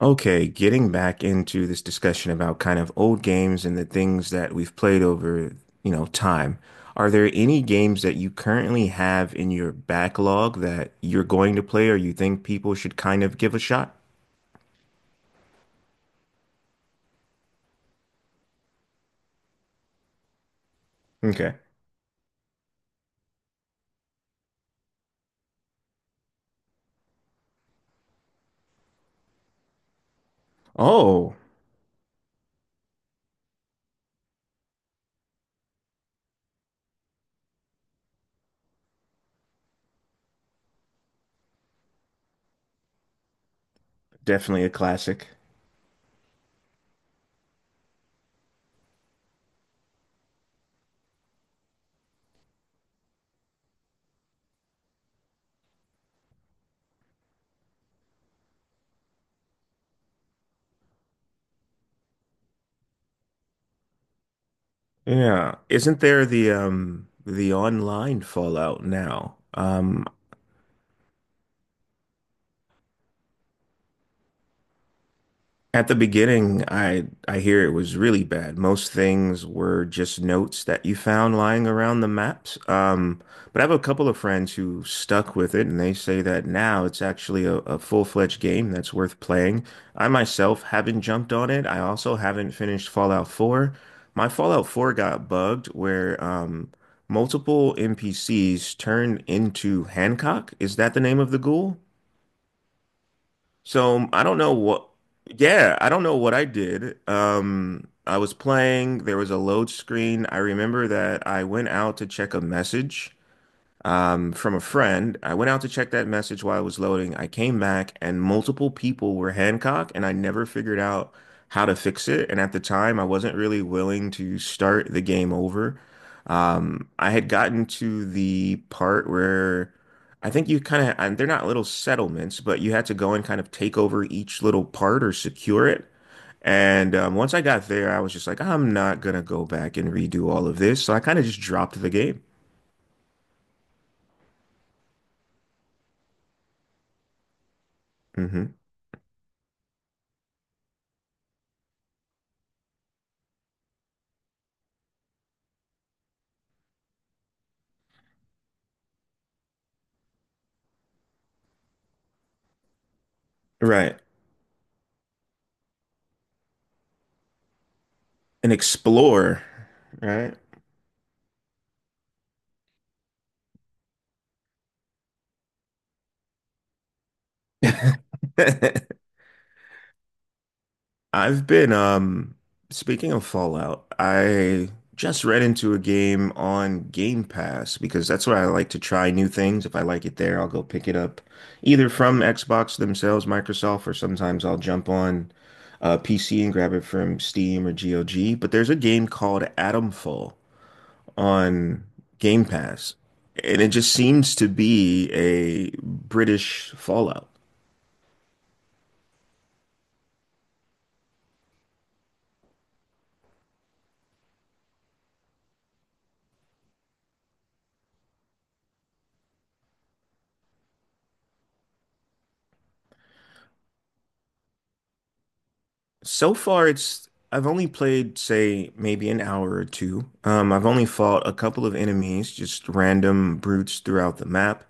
Okay, getting back into this discussion about kind of old games and the things that we've played over, you know, time. Are there any games that you currently have in your backlog that you're going to play or you think people should kind of give a shot? Okay. Oh, definitely a classic. Yeah. Isn't there the online Fallout now? At the beginning, I hear it was really bad. Most things were just notes that you found lying around the maps. But I have a couple of friends who stuck with it, and they say that now it's actually a full-fledged game that's worth playing. I myself haven't jumped on it. I also haven't finished Fallout 4. My Fallout 4 got bugged where multiple NPCs turned into Hancock. Is that the name of the ghoul? So I don't know what, yeah, I don't know what I did. I was playing, there was a load screen. I remember that I went out to check a message from a friend. I went out to check that message while it was loading. I came back and multiple people were Hancock, and I never figured out how to fix it. And at the time, I wasn't really willing to start the game over. I had gotten to the part where I think you kind of, and they're not little settlements, but you had to go and kind of take over each little part or secure it. And once I got there, I was just like, I'm not gonna go back and redo all of this. So I kind of just dropped the game. hmm Right. An explorer, right? I've been speaking of Fallout, I just read into a game on Game Pass because that's where I like to try new things. If I like it there, I'll go pick it up either from Xbox themselves, Microsoft, or sometimes I'll jump on PC and grab it from Steam or GOG. But there's a game called Atomfall on Game Pass, and it just seems to be a British Fallout. So far, it's I've only played, say, maybe an hour or two. I've only fought a couple of enemies, just random brutes throughout the map.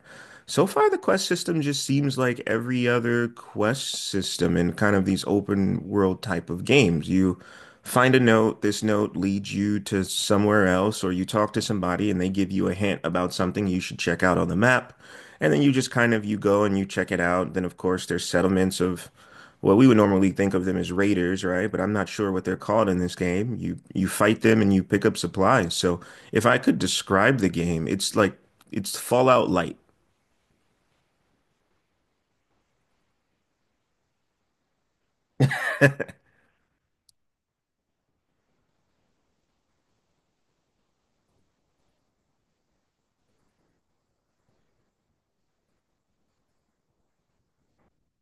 So far, the quest system just seems like every other quest system in kind of these open world type of games. You find a note, this note leads you to somewhere else, or you talk to somebody and they give you a hint about something you should check out on the map. And then you just kind of you go and you check it out. Then, of course, there's settlements of well, we would normally think of them as raiders, right? But I'm not sure what they're called in this game. You fight them and you pick up supplies. So if I could describe the game, it's like it's Fallout Light.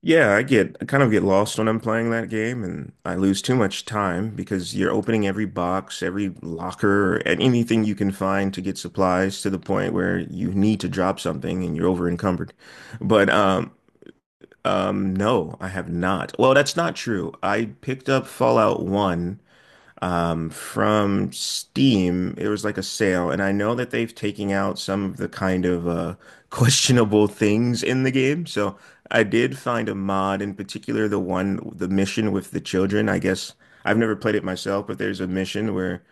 Yeah, I kind of get lost when I'm playing that game and I lose too much time because you're opening every box, every locker, and anything you can find to get supplies to the point where you need to drop something and you're over encumbered. But no, I have not. Well, that's not true. I picked up Fallout 1 from Steam. It was like a sale, and I know that they've taken out some of the kind of questionable things in the game. So I did find a mod, in particular the mission with the children. I guess I've never played it myself, but there's a mission where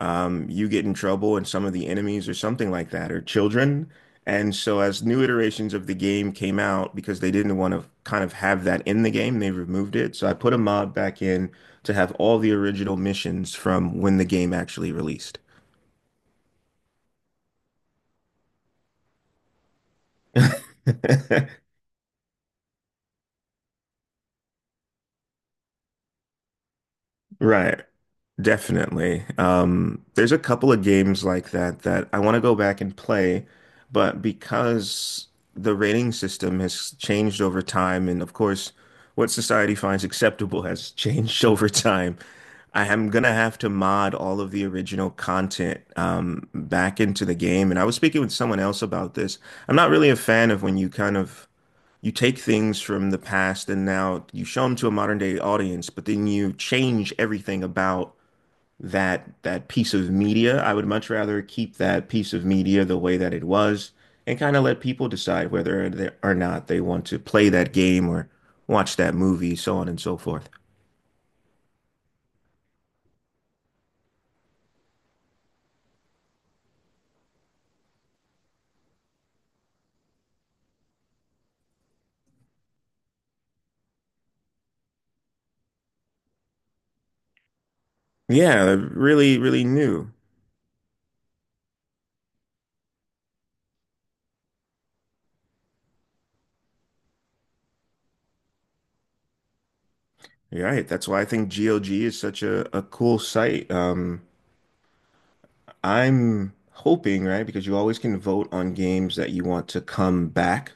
you get in trouble and some of the enemies or something like that are children. And so as new iterations of the game came out, because they didn't want to kind of have that in the game, they removed it. So I put a mod back in to have all the original missions from when the game actually released. Right. Definitely. There's a couple of games like that that I want to go back and play, but because the rating system has changed over time, and of course, what society finds acceptable has changed over time, I am gonna have to mod all of the original content back into the game. And I was speaking with someone else about this. I'm not really a fan of when you kind of you take things from the past and now you show them to a modern day audience, but then you change everything about that piece of media. I would much rather keep that piece of media the way that it was and kind of let people decide whether they, or not they want to play that game or watch that movie, so on and so forth. Yeah, really, really new. You're right. That's why I think GLG is such a cool site. I'm hoping, right, because you always can vote on games that you want to come back.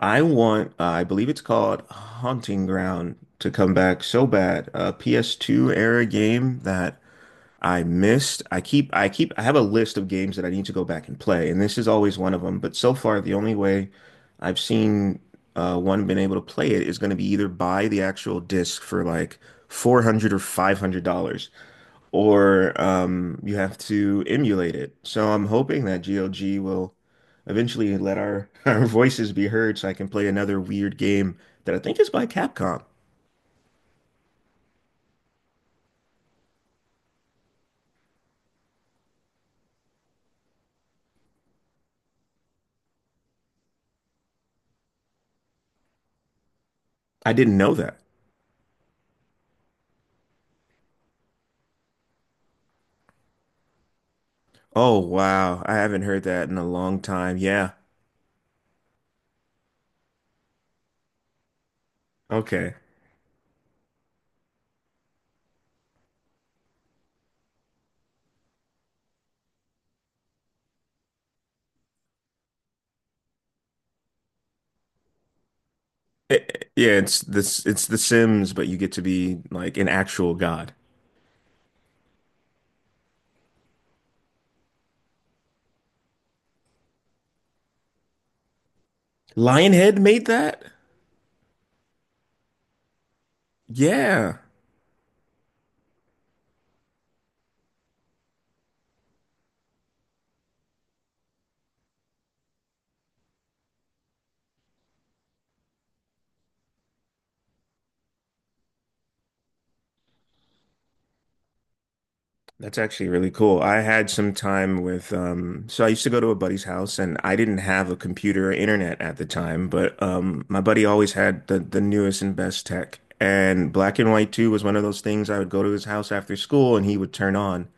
I want, I believe it's called Haunting Ground to come back so bad. A PS2 era game that I missed. I have a list of games that I need to go back and play, and this is always one of them. But so far, the only way I've seen one been able to play it is going to be either buy the actual disc for like 400 or $500 or you have to emulate it. So I'm hoping that GOG will eventually let our voices be heard so I can play another weird game that I think is by Capcom. I didn't know that. Oh, wow. I haven't heard that in a long time. Yeah. Okay. Yeah, it's this it's The Sims, but you get to be like an actual god. Lionhead made that? Yeah. That's actually really cool. I had some time with, so I used to go to a buddy's house and I didn't have a computer or internet at the time, but my buddy always had the newest and best tech. And Black and White 2 was one of those things I would go to his house after school and he would turn on.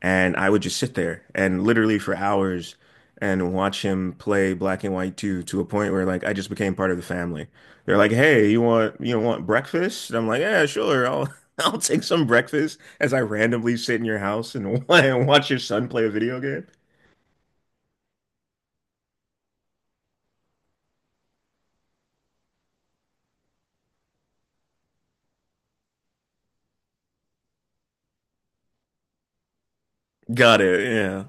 And I would just sit there and literally for hours and watch him play Black and White 2 to a point where like I just became part of the family. They're like, "Hey, you want breakfast?" And I'm like, "Yeah, sure. I'll I'll take some breakfast as I randomly sit in your house and watch your son play a video game." Got it. Yeah.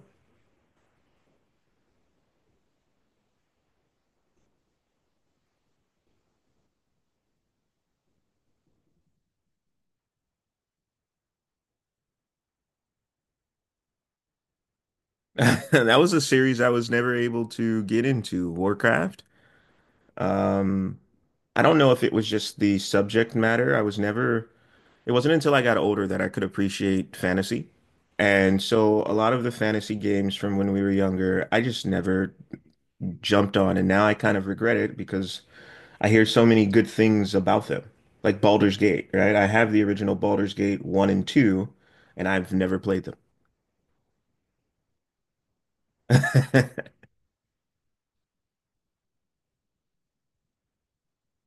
That was a series I was never able to get into, Warcraft. Um, I don't know if it was just the subject matter. I was never it wasn't until I got older that I could appreciate fantasy. And so a lot of the fantasy games from when we were younger, I just never jumped on. And now I kind of regret it because I hear so many good things about them. Like Baldur's Gate, right? I have the original Baldur's Gate 1 and 2, and I've never played them.